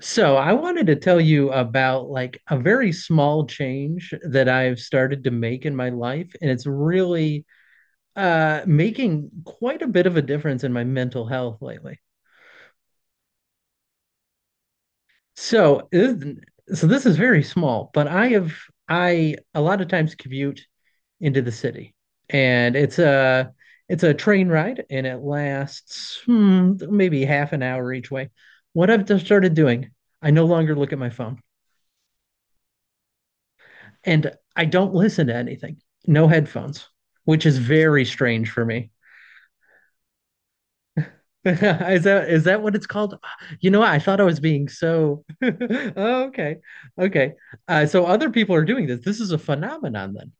So I wanted to tell you about like a very small change that I've started to make in my life, and it's really making quite a bit of a difference in my mental health lately. So, this- so this is very small, but I a lot of times commute into the city, and it's a train ride, and it lasts hmm, maybe half an hour each way. What I've just started doing, I no longer look at my phone. And I don't listen to anything. No headphones, which is very strange for me. Is that what it's called? You know, what? I thought I was being so Oh, okay. Okay. So other people are doing this. This is a phenomenon then.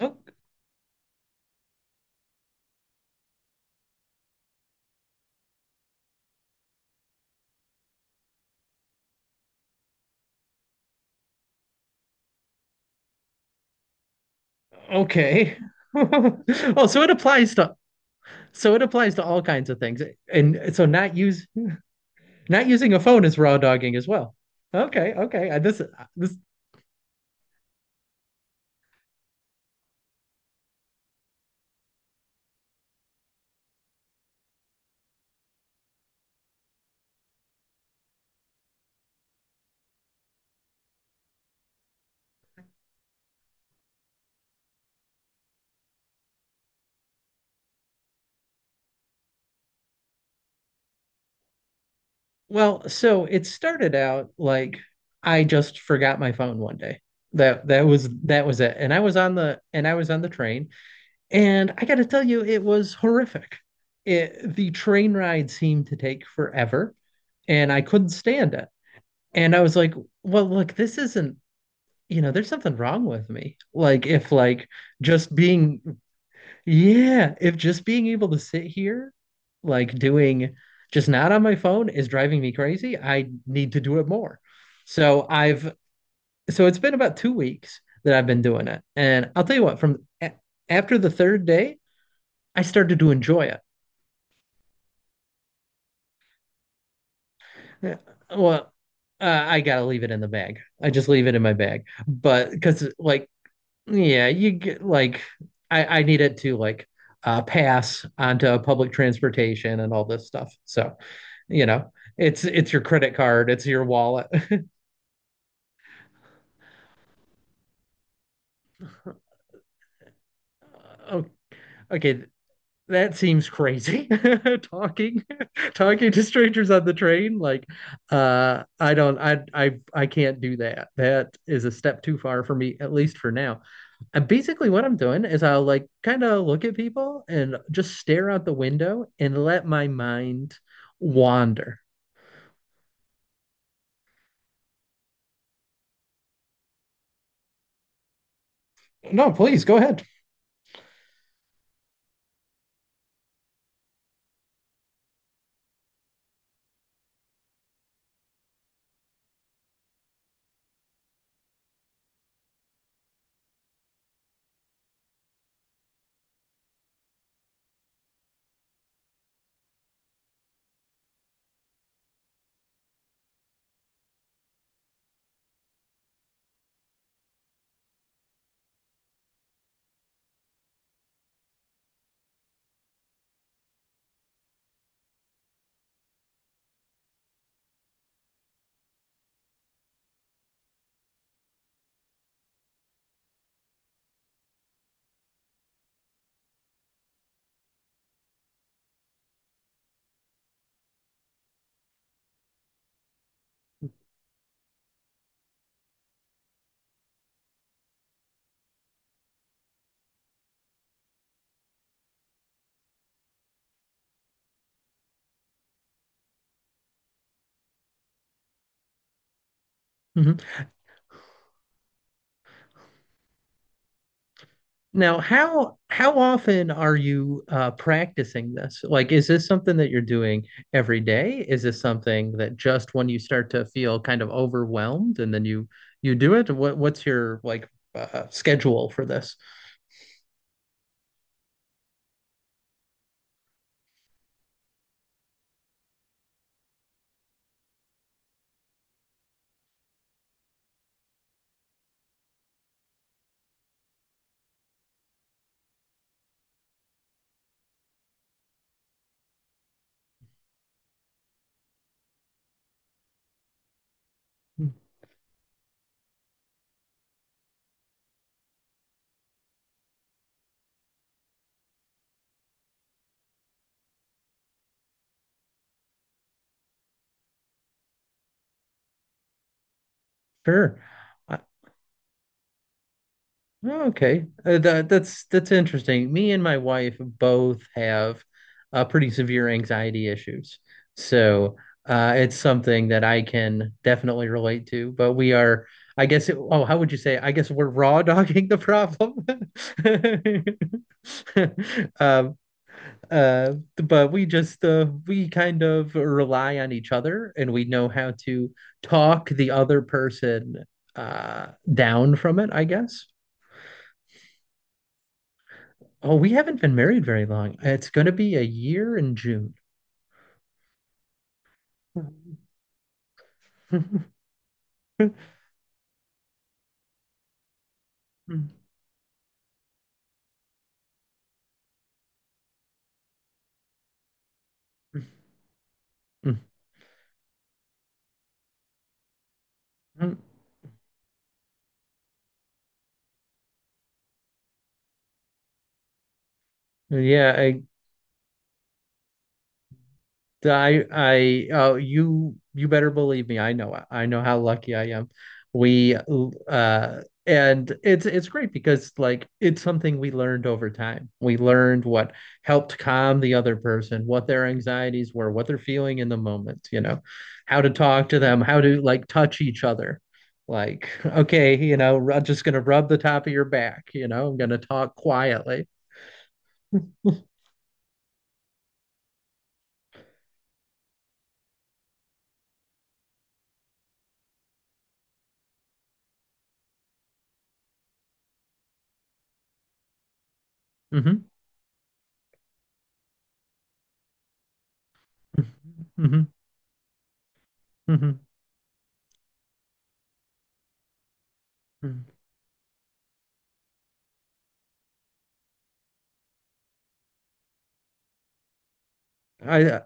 Oh, okay. Oh, so it applies to so it applies to all kinds of things. And so not using a phone is raw dogging as well. Okay, okay. This this Well, so it started out like I just forgot my phone one day. That was it. And I was on the and I was on the train, and I got to tell you, it was horrific. It, the train ride seemed to take forever, and I couldn't stand it. And I was like, well, look, this isn't, you know, there's something wrong with me. Like if like just being yeah, if just being able to sit here, like doing just not on my phone is driving me crazy, I need to do it more. So I've so it's been about 2 weeks that I've been doing it. And I'll tell you what, from a after the third day, I started to enjoy it. Yeah, well, I gotta leave it in the bag. I just leave it in my bag. But because like yeah, you get like I need it to like pass onto public transportation and all this stuff. So, you know, it's your credit card, it's your wallet. Oh, okay, that seems crazy. Talking talking to strangers on the train like I don't I can't do that. That is a step too far for me at least for now. And basically, what I'm doing is I'll like kind of look at people and just stare out the window and let my mind wander. No, please go ahead. Mm-hmm. Now, how often are you practicing this? Like, is this something that you're doing every day? Is this something that just when you start to feel kind of overwhelmed and then you do it? What's your like schedule for this? Sure. Uh, Oh, okay, that that's interesting. Me and my wife both have pretty severe anxiety issues, so it's something that I can definitely relate to. But we are, I guess, it, oh, how would you say? I guess we're raw dogging the problem. Um, but we just we kind of rely on each other, and we know how to talk the other person uh, down from it, I guess. Oh, we haven't been married very long. It's going to be a year in June. Yeah, I oh you better believe me. I know how lucky I am. We uh and it's great because like it's something we learned over time. We learned what helped calm the other person, what their anxieties were, what they're feeling in the moment, you know, how to talk to them, how to like touch each other. Like, okay, you know, I'm just gonna rub the top of your back, you know, I'm gonna talk quietly. Mm-hmm. hmm hmm hmm I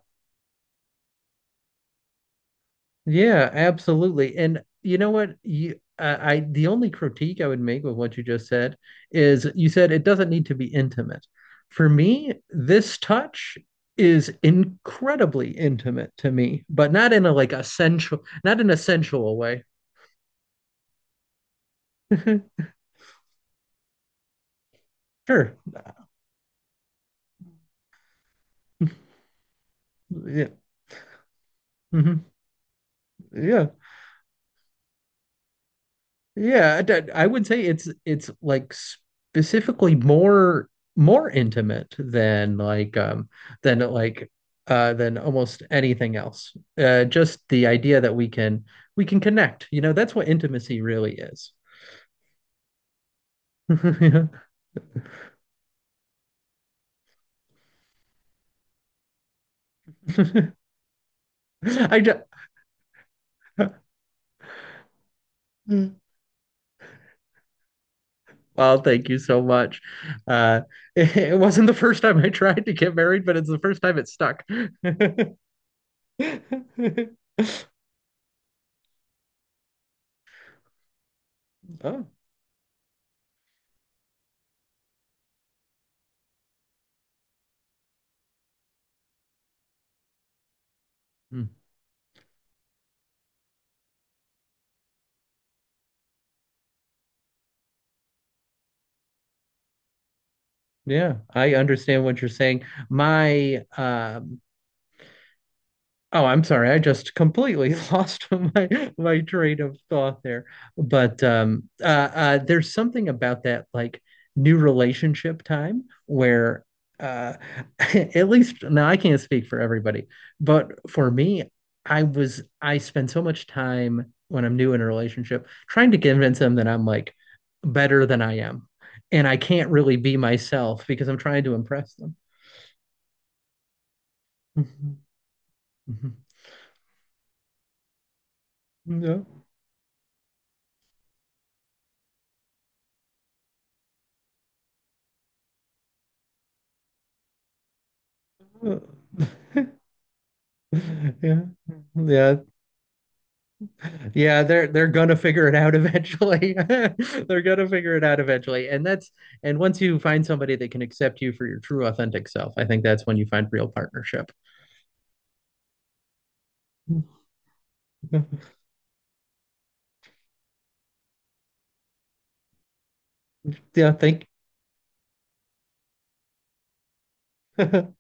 yeah, absolutely. And you know what? You I the only critique I would make with what you just said is you said it doesn't need to be intimate. For me, this touch is incredibly intimate to me, but not in a like a sensual, not in a sensual way. Sure. Yeah. hmm Yeah. Yeah, I would say it's like specifically more more intimate than like than like than almost anything else. Just the idea that we can connect. You know, that's what intimacy really is. Yeah. I ju- well, thank you so much. Uh it wasn't the first time I tried to get married, but it's the first time it stuck. Oh. Yeah, I understand what you're saying. My oh, I'm sorry. I just completely lost my train of thought there. But there's something about that like new relationship time where uh at least now I can't speak for everybody, but for me, I spend so much time when I'm new in a relationship trying to convince them that I'm like better than I am. And I can't really be myself because I'm trying to impress them. Mhm, mhm. No. Uh, Yeah. Yeah. Yeah, they're gonna figure it out eventually. They're gonna figure it out eventually. And once you find somebody that can accept you for your true authentic self, I think that's when you find real partnership. Yeah, thank. All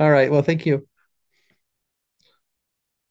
all right. Well, thank you.